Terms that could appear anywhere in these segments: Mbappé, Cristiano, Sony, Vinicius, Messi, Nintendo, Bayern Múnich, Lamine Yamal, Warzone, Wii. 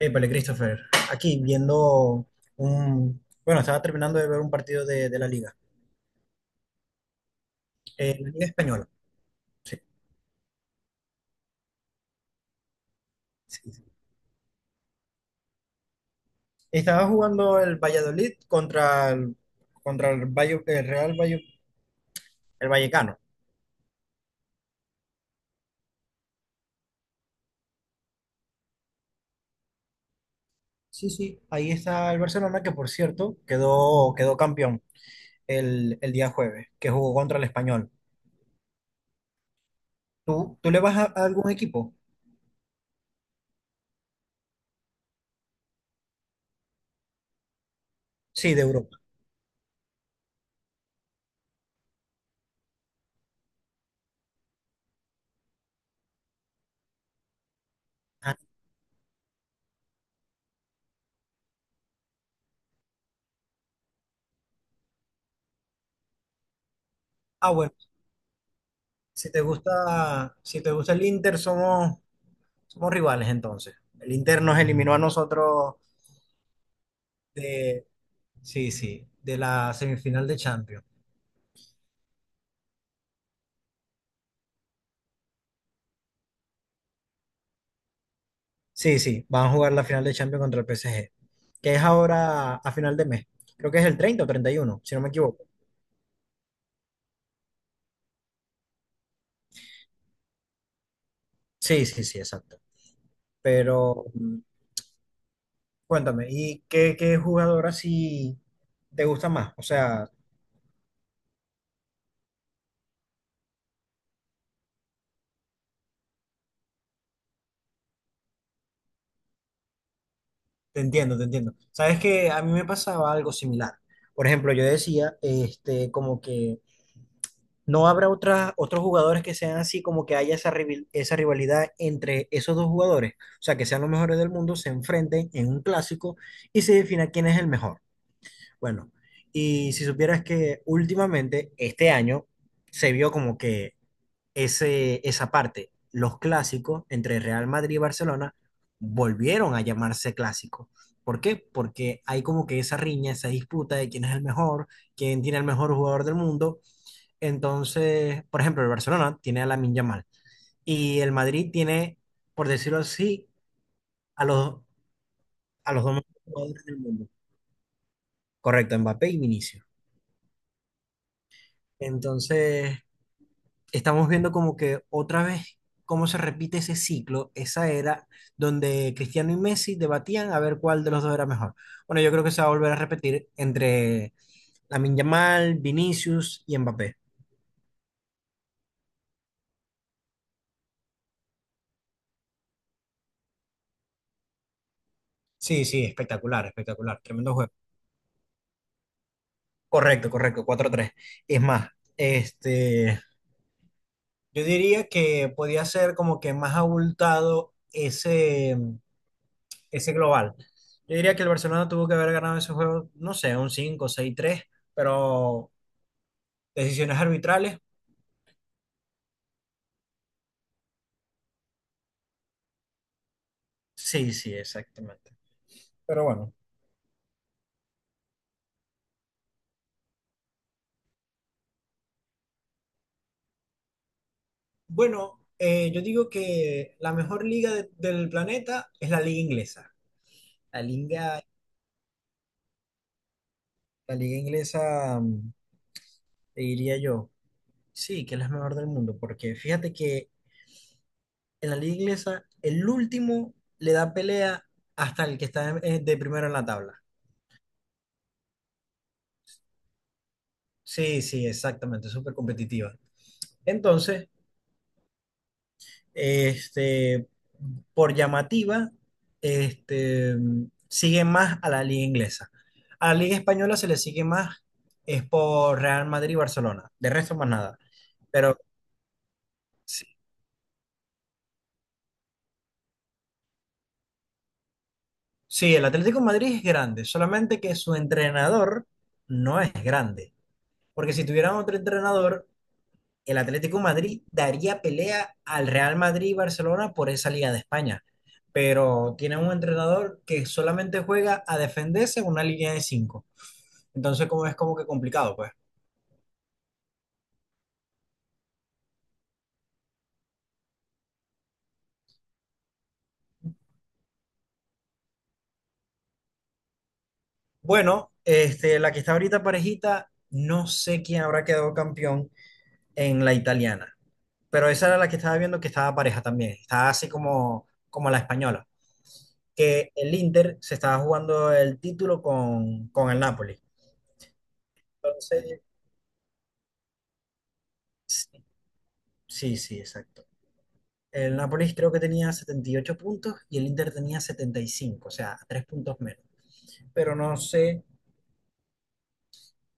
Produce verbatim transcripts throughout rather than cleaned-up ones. Épale, Christopher, aquí viendo un, bueno, estaba terminando de ver un partido de, de la Liga, eh, la Liga Española. Sí, sí, sí. Estaba jugando el Valladolid contra el, contra el, Valle- el Real Valle- el Vallecano. Sí, sí, ahí está el Barcelona, que por cierto quedó, quedó campeón el, el día jueves, que jugó contra el Español. ¿Tú, tú le vas a, a algún equipo? Sí, de Europa. Ah, ah, bueno, si te gusta, si te gusta el Inter, somos Somos rivales entonces. El Inter nos eliminó a nosotros de, sí, sí, de la semifinal de Champions. Sí, sí, van a jugar la final de Champions contra el P S G, que es ahora a final de mes. Creo que es el treinta o treinta y uno, si no me equivoco. Sí, sí, sí, exacto. Pero mm, cuéntame, ¿y qué, qué jugador así te gusta más? O sea, te entiendo, te entiendo. Sabes que a mí me pasaba algo similar. Por ejemplo, yo decía, este, como que ¿No habrá otra- otros jugadores que sean así, como que haya esa, rival- esa rivalidad entre esos dos jugadores? O sea, que sean los mejores del mundo, se enfrenten en un clásico y se defina quién es el mejor. Bueno, y si supieras que últimamente, este año, se vio como que ese, esa parte, los clásicos entre Real Madrid y Barcelona volvieron a llamarse clásicos. ¿Por qué? Porque hay como que esa riña, esa disputa de quién es el mejor, quién tiene el mejor jugador del mundo. Entonces, por ejemplo, el Barcelona tiene a Lamine Yamal y el Madrid tiene, por decirlo así, a los, a los dos mejores jugadores del mundo. Correcto, Mbappé y Vinicius. Entonces, estamos viendo como que otra vez cómo se repite ese ciclo, esa era donde Cristiano y Messi debatían a ver cuál de los dos era mejor. Bueno, yo creo que se va a volver a repetir entre Lamine Yamal, Vinicius y Mbappé. Sí, sí, espectacular, espectacular, tremendo juego. Correcto, correcto, cuatro tres. Es más, este, yo diría que podía ser como que más abultado ese, ese global. Yo diría que el Barcelona tuvo que haber ganado ese juego, no sé, un cinco seis tres, pero decisiones arbitrales. Sí, sí, exactamente. Pero bueno. Bueno, eh, yo digo que la mejor liga de- del planeta es la liga inglesa. La liga, la liga inglesa, mm, te diría yo, sí, que es la mejor del mundo, porque fíjate que en la liga inglesa, el último le da pelea hasta el que está en- eh, de primero en la tabla. Sí, sí, exactamente, súper competitiva. Entonces, este, por llamativa, este, sigue más a la liga inglesa. A la liga española se le sigue más es por Real Madrid y Barcelona. De resto, más nada. Pero sí, sí, el Atlético de Madrid es grande, solamente que su entrenador no es grande. Porque si tuvieran otro entrenador, el Atlético de Madrid daría pelea al Real Madrid y Barcelona por esa Liga de España. Pero tiene un entrenador que solamente juega a defenderse en una línea de cinco. Entonces, como es como que complicado, pues. Bueno, este, la que está ahorita parejita, no sé quién habrá quedado campeón en la italiana. Pero esa era la que estaba viendo que estaba pareja también. Estaba así como, como la española. Que el Inter se estaba jugando el título con, con el Napoli. Entonces, sí, sí, sí, exacto. El Nápoles creo que tenía setenta y ocho puntos y el Inter tenía setenta y cinco, o sea, tres puntos menos. Pero no sé,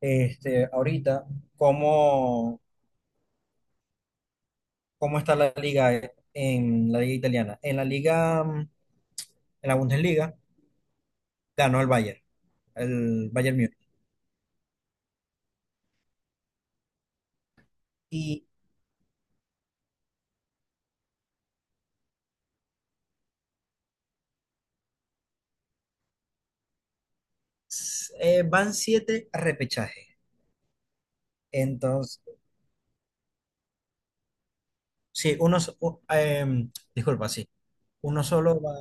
este, ahorita cómo, cómo está la liga en la liga italiana. En la liga, mm, en la Bundesliga ganó el Bayern, el Bayern Múnich. Y eh, van siete repechajes. Entonces, sí, uno, s- u- em, disculpa, sí. Uno solo va.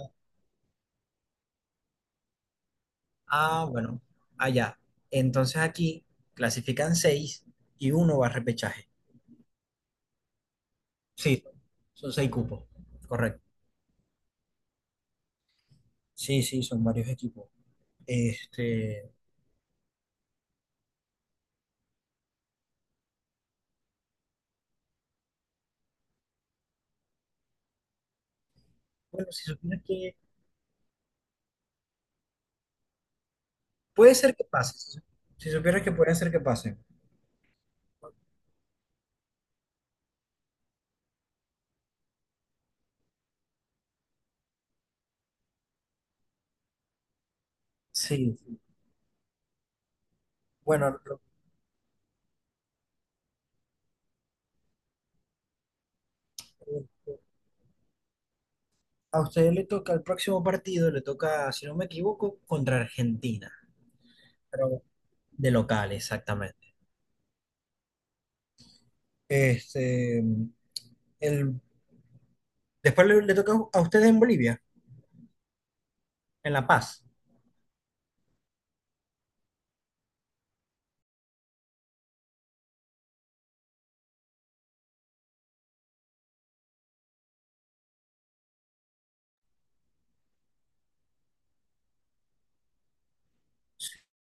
Ah, bueno, allá. Entonces aquí clasifican seis y uno va a repechaje. Sí, son seis cupos, correcto. Sí, sí, son varios equipos. Este, bueno, si supieras que puede ser que pase, si si supieras que puede ser que pase. Sí, sí. Bueno, lo- a usted le toca el próximo partido, le toca, si no me equivoco, contra Argentina, pero de local, exactamente. Este, el, después le, le toca a ustedes en Bolivia, en La Paz.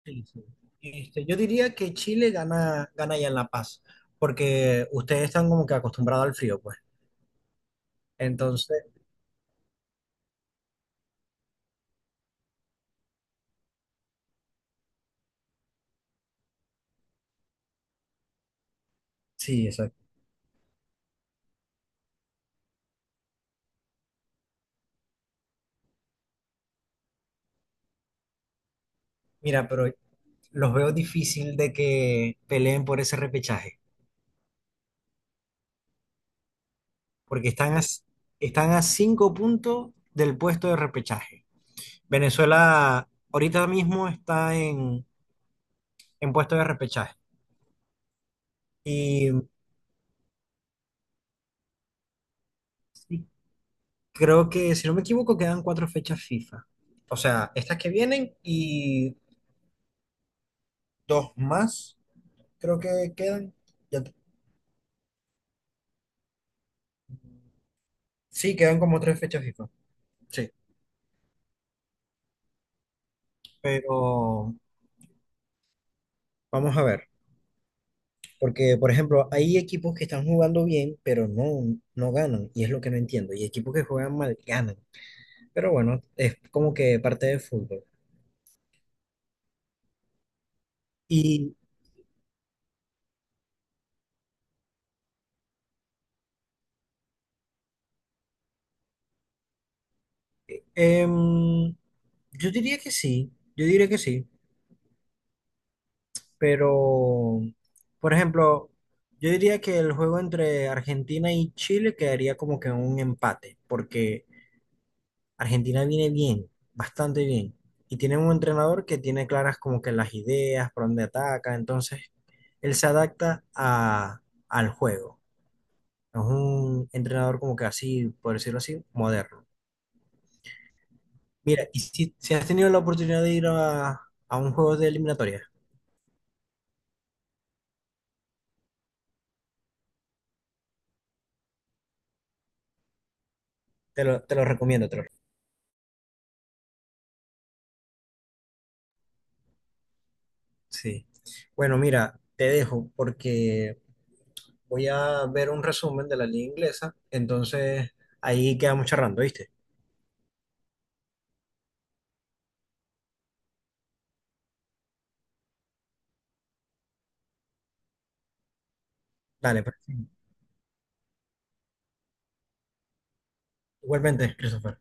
Sí, sí. Este, yo diría que Chile gana, gana ya en La Paz, porque ustedes están como que acostumbrados al frío, pues. Entonces, sí, exacto. Mira, pero los veo difícil de que peleen por ese repechaje, porque están a, están a cinco puntos del puesto de repechaje. Venezuela ahorita mismo está en, en puesto de repechaje. Y sí, creo que, si no me equivoco, quedan cuatro fechas FIFA. O sea, estas que vienen y dos más. Creo que quedan, ya- sí, quedan como tres fechas FIFA. Sí. Pero vamos a ver, porque por ejemplo, hay equipos que están jugando bien, pero no, no ganan, y es lo que no entiendo, y equipos que juegan mal ganan, pero bueno, es como que parte del fútbol. Y em, yo diría que sí, yo diría que sí, pero por ejemplo, yo diría que el juego entre Argentina y Chile quedaría como que un empate, porque Argentina viene bien, bastante bien. Y tiene un entrenador que tiene claras como que las ideas, por dónde ataca. Entonces, él se adapta a, al juego. Es un entrenador como que así, por decirlo así, moderno. Mira, y si, si has tenido la oportunidad de ir a, a un juego de eliminatoria, te lo, te lo recomiendo, te lo- sí. Bueno, mira, te dejo porque voy a ver un resumen de la liga inglesa. Entonces, ahí quedamos charlando, ¿viste? Dale, pues. Igualmente, Christopher.